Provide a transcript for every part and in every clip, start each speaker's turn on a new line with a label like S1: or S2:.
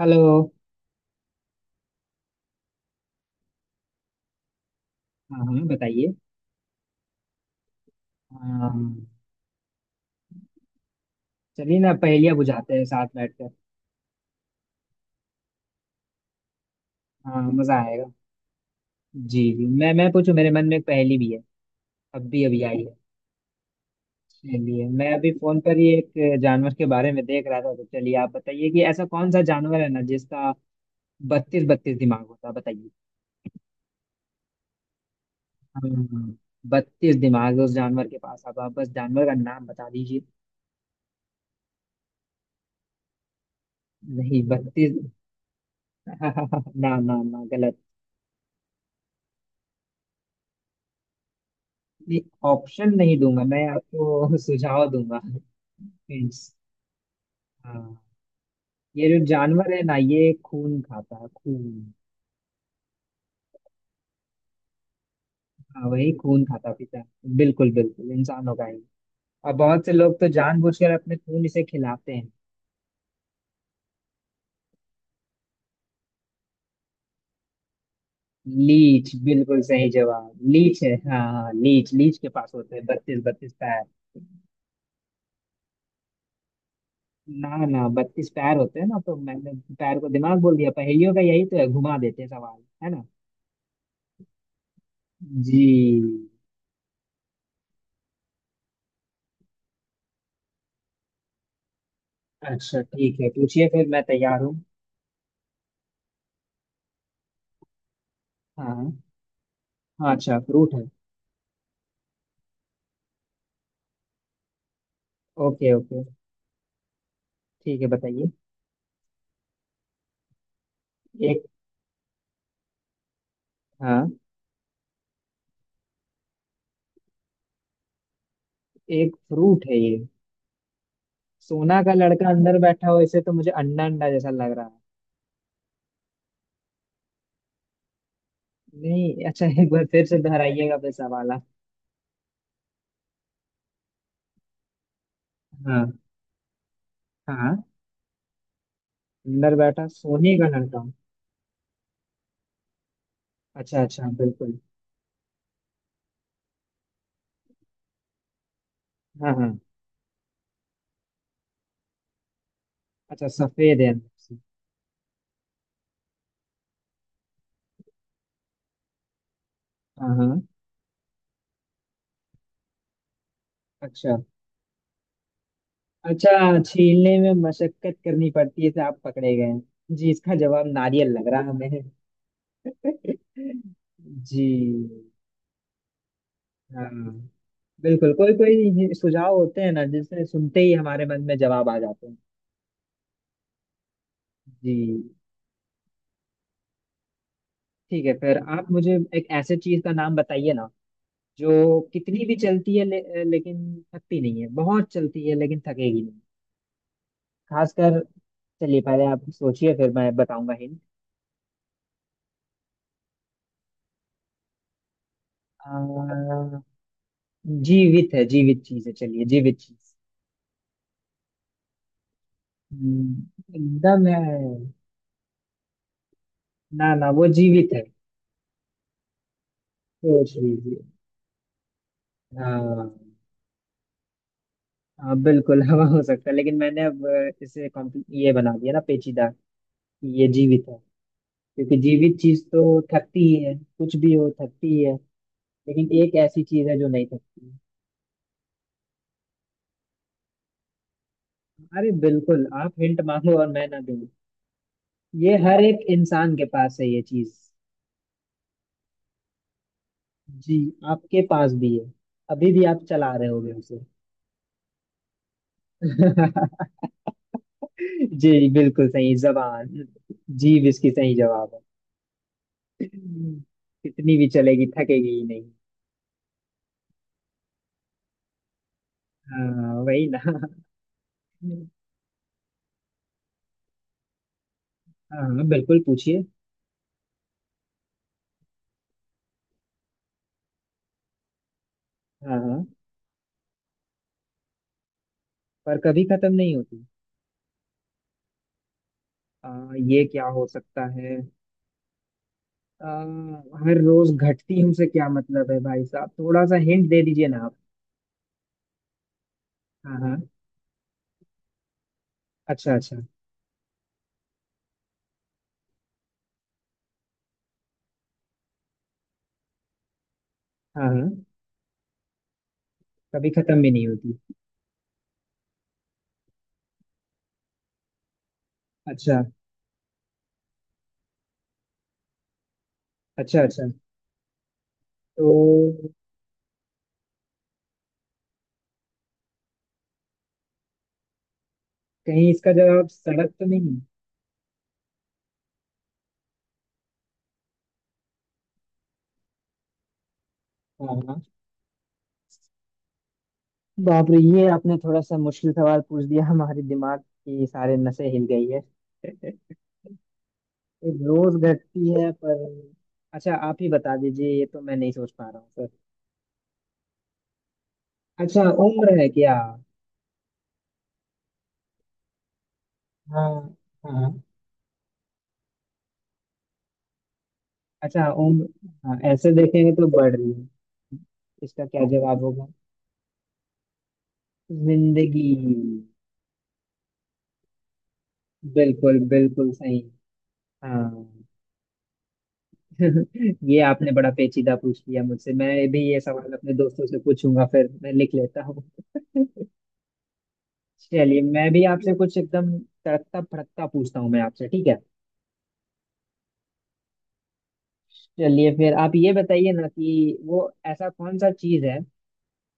S1: Hello. हाँ हाँ, बताइए। हाँ, चलिए ना, पहेलियाँ बुझाते हैं साथ बैठकर। हाँ, मजा आएगा। जी जी, मैं पूछूं, मेरे मन में एक पहेली भी है। अभी अभी आई है। चलिए, मैं अभी फोन पर ही एक जानवर के बारे में देख रहा था, तो चलिए आप बताइए कि ऐसा कौन सा जानवर है ना जिसका 32 32 दिमाग होता है। बताइए। हाँ, 32 दिमाग है उस जानवर के पास। अब आप बस जानवर का नाम बता दीजिए। नहीं 32। ना ना ना, गलत। नहीं, ऑप्शन नहीं दूंगा मैं आपको। सुझाव दूंगा, हिंट्स। हाँ, ये जो जानवर है ना, ये खून खाता है, खून। हाँ, वही खून खाता पीता है। बिल्कुल बिल्कुल इंसानों का ही। और बहुत से लोग तो जानबूझकर अपने खून इसे खिलाते हैं। लीच बिल्कुल सही जवाब। लीच है, हाँ हाँ। लीच लीच के पास होते हैं 32 32 पैर। ना ना, 32 पैर होते हैं ना, तो मैंने पैर को दिमाग बोल दिया। पहेलियों का यही तो है, घुमा देते हैं सवाल, है ना। जी। अच्छा ठीक है, पूछिए, फिर मैं तैयार हूँ। हाँ हाँ, अच्छा फ्रूट है। ओके ओके, ठीक है, बताइए। एक। हाँ, एक फ्रूट है ये? सोना का लड़का अंदर बैठा हो इसे, तो मुझे अंडा अंडा जैसा लग रहा है। नहीं अच्छा, एक बार फिर से दोहराइएगा फिर सवाल आप। हाँ हाँ, अंदर बैठा सोने का लड़का। अच्छा अच्छा, बिल्कुल। हाँ हाँ, अच्छा सफेद है अंदर से। हाँ हाँ, अच्छा अच्छा, छीलने में मशक्कत करनी पड़ती है तो आप पकड़े गए हैं। जी, इसका जवाब नारियल लग रहा है हमें। जी, हाँ, बिल्कुल। कोई कोई सुझाव होते हैं ना जिसे सुनते ही हमारे मन में जवाब आ जाते हैं। जी ठीक है, फिर आप मुझे एक ऐसे चीज का नाम बताइए ना जो कितनी भी चलती है लेकिन थकती नहीं है। बहुत चलती है लेकिन थकेगी नहीं। खासकर, चलिए पहले आप सोचिए, फिर मैं बताऊंगा हिंट। आ, जीवित है, जीवित चीज है, चलिए जीवित चीज। हम्म, एकदम है। ना ना, वो जीवित है, सोच लीजिए। हाँ हाँ बिल्कुल। हवा हो सकता है, लेकिन मैंने अब इसे ये बना दिया ना, पेचीदा, कि ये जीवित है। क्योंकि जीवित चीज तो थकती ही है, कुछ भी हो थकती ही है। लेकिन एक ऐसी चीज है जो नहीं थकती। अरे बिल्कुल, आप हिंट मांगो और मैं ना दूं? ये हर एक इंसान के पास है ये चीज। जी, आपके पास भी है। अभी भी आप चला रहे होगे उसे। जी बिल्कुल सही, जबान, जीव इसकी सही जवाब है। कितनी भी चलेगी, थकेगी ही नहीं। हाँ, वही ना। हाँ बिल्कुल, पूछिए। हाँ हाँ, पर कभी खत्म नहीं होती। आ, ये क्या हो सकता है? आ, हर रोज घटती हमसे, क्या मतलब है? भाई साहब थोड़ा सा हिंट दे दीजिए ना आप। हाँ हाँ। अच्छा अच्छा। हाँ हाँ, कभी खत्म भी नहीं होती। अच्छा अच्छा। अच्छा, तो कहीं इसका जवाब सड़क तो नहीं? हाँ हाँ। बाप रे, ये आपने थोड़ा सा मुश्किल सवाल पूछ दिया, हमारे दिमाग की सारे नसें हिल गई है। रोज घटती है पर, अच्छा आप ही बता दीजिए, ये तो मैं नहीं सोच पा रहा हूँ सर। अच्छा उम्र है क्या? हाँ हाँ। अच्छा उम्र, हाँ, ऐसे देखेंगे तो बढ़ रही है। इसका क्या जवाब होगा? जिंदगी। बिल्कुल बिल्कुल सही। हाँ। ये आपने बड़ा पेचीदा पूछ लिया मुझसे। मैं भी ये सवाल अपने दोस्तों से पूछूंगा, फिर मैं लिख लेता हूँ। चलिए, मैं भी आपसे कुछ एकदम तड़कता फड़कता पूछता हूँ, मैं आपसे, ठीक है। चलिए, फिर आप ये बताइए ना कि वो ऐसा कौन सा चीज है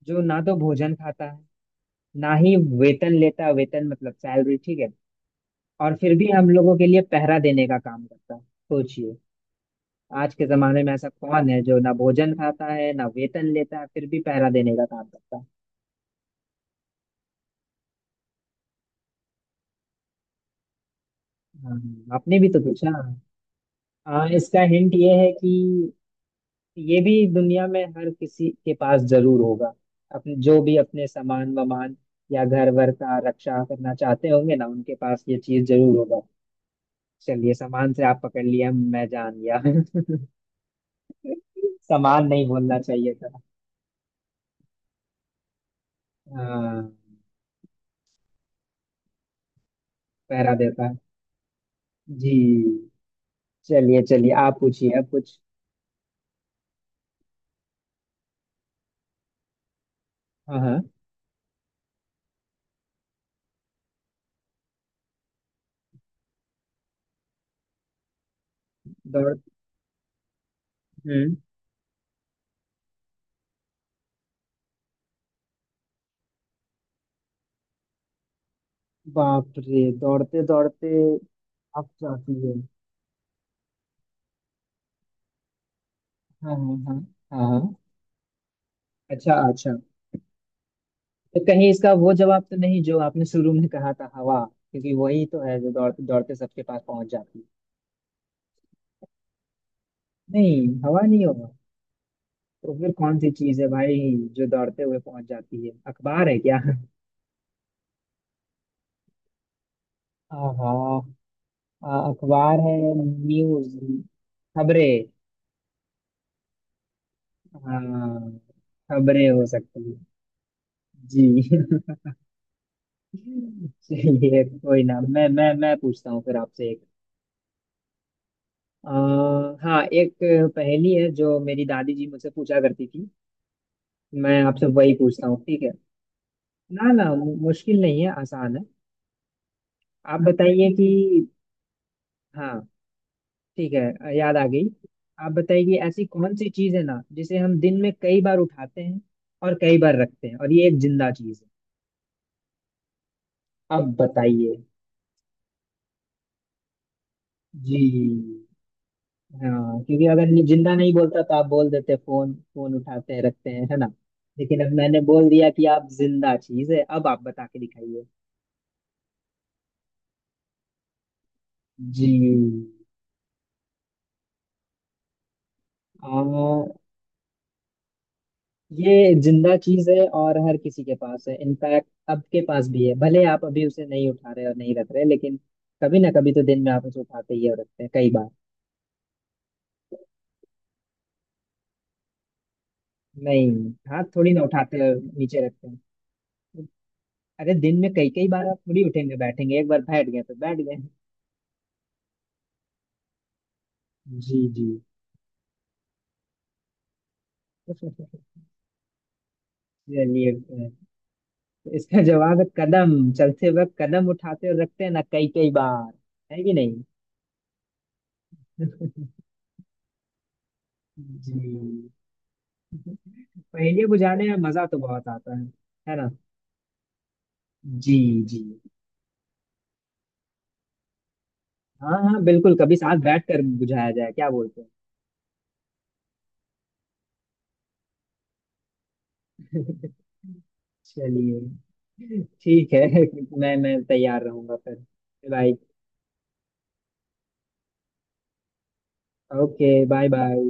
S1: जो ना तो भोजन खाता है, ना ही वेतन लेता है, वेतन मतलब सैलरी, ठीक है। और फिर भी हम लोगों के लिए पहरा देने का काम करता है। सोचिए, आज के जमाने में ऐसा कौन है जो ना भोजन खाता है, ना वेतन लेता है, फिर भी पहरा देने का काम करता है। हाँ, आपने भी तो पूछा। हाँ, इसका हिंट ये है कि ये भी दुनिया में हर किसी के पास जरूर होगा। अपने जो भी अपने सामान वामान या घर वर का रक्षा करना चाहते होंगे ना, उनके पास ये चीज जरूर होगा। चलिए, सामान से आप पकड़ लिया, मैं जान गया। सामान नहीं बोलना चाहिए था। हाँ, पहरा देता है। जी, चलिए चलिए, आप पूछिए अब कुछ। हाँ हाँ। दौड़ हम्म बाप रे, दौड़ते दौड़ते, अब जाती है। हाँ हाँ हाँ हाँ, हाँ। अच्छा अच्छा, तो कहीं इसका वो जवाब तो नहीं जो आपने शुरू में कहा था, हवा? क्योंकि वही तो है जो दौड़ते दौड़ते सबके पास पहुंच जाती है। नहीं, हवा नहीं होगा। तो फिर कौन सी चीज है भाई जो दौड़ते हुए पहुंच जाती है, अखबार है क्या? आहा। अखबार है, न्यूज, खबरें। हाँ, खबरें हो सकती हैं। जी। चलिए कोई ना, मैं पूछता हूँ फिर आपसे एक, आ, हाँ, एक पहेली है जो मेरी दादी जी मुझसे पूछा करती थी। मैं आपसे वही पूछता हूँ, ठीक है? ना ना, मुश्किल नहीं है, आसान है। आप बताइए कि, हाँ ठीक है, याद आ गई। आप बताइए कि ऐसी कौन सी चीज है ना जिसे हम दिन में कई बार उठाते हैं और कई बार रखते हैं, और ये एक जिंदा चीज है। अब बताइए। जी, हाँ, क्योंकि अगर जिंदा नहीं बोलता तो आप बोल देते फोन फोन उठाते हैं रखते हैं, है ना? लेकिन अब मैंने बोल दिया कि आप जिंदा चीज है, अब आप बता के दिखाइए। जी। आ, ये जिंदा चीज है और हर किसी के पास है, इनफैक्ट आपके पास भी है, भले आप अभी उसे नहीं उठा रहे और नहीं रख रहे, लेकिन कभी ना कभी तो दिन में आप उसे उठाते ही हैं और रखते हैं कई बार। नहीं, हाथ थोड़ी ना उठाते और नीचे रखते हैं। अरे दिन में कई कई बार आप थोड़ी उठेंगे बैठेंगे? एक बार बैठ गए तो बैठ गए। जी जी। चलिए तो, इसका जवाब है कदम। चलते वक्त कदम उठाते और रखते हैं ना कई कई बार, है कि नहीं? जी, पहेलियां बुझाने में मजा तो बहुत आता है ना? जी जी। हाँ हाँ बिल्कुल, कभी साथ बैठ कर बुझाया जाए, क्या बोलते हैं। चलिए, ठीक है। मैं तैयार रहूंगा फिर। बाय। Okay, bye bye.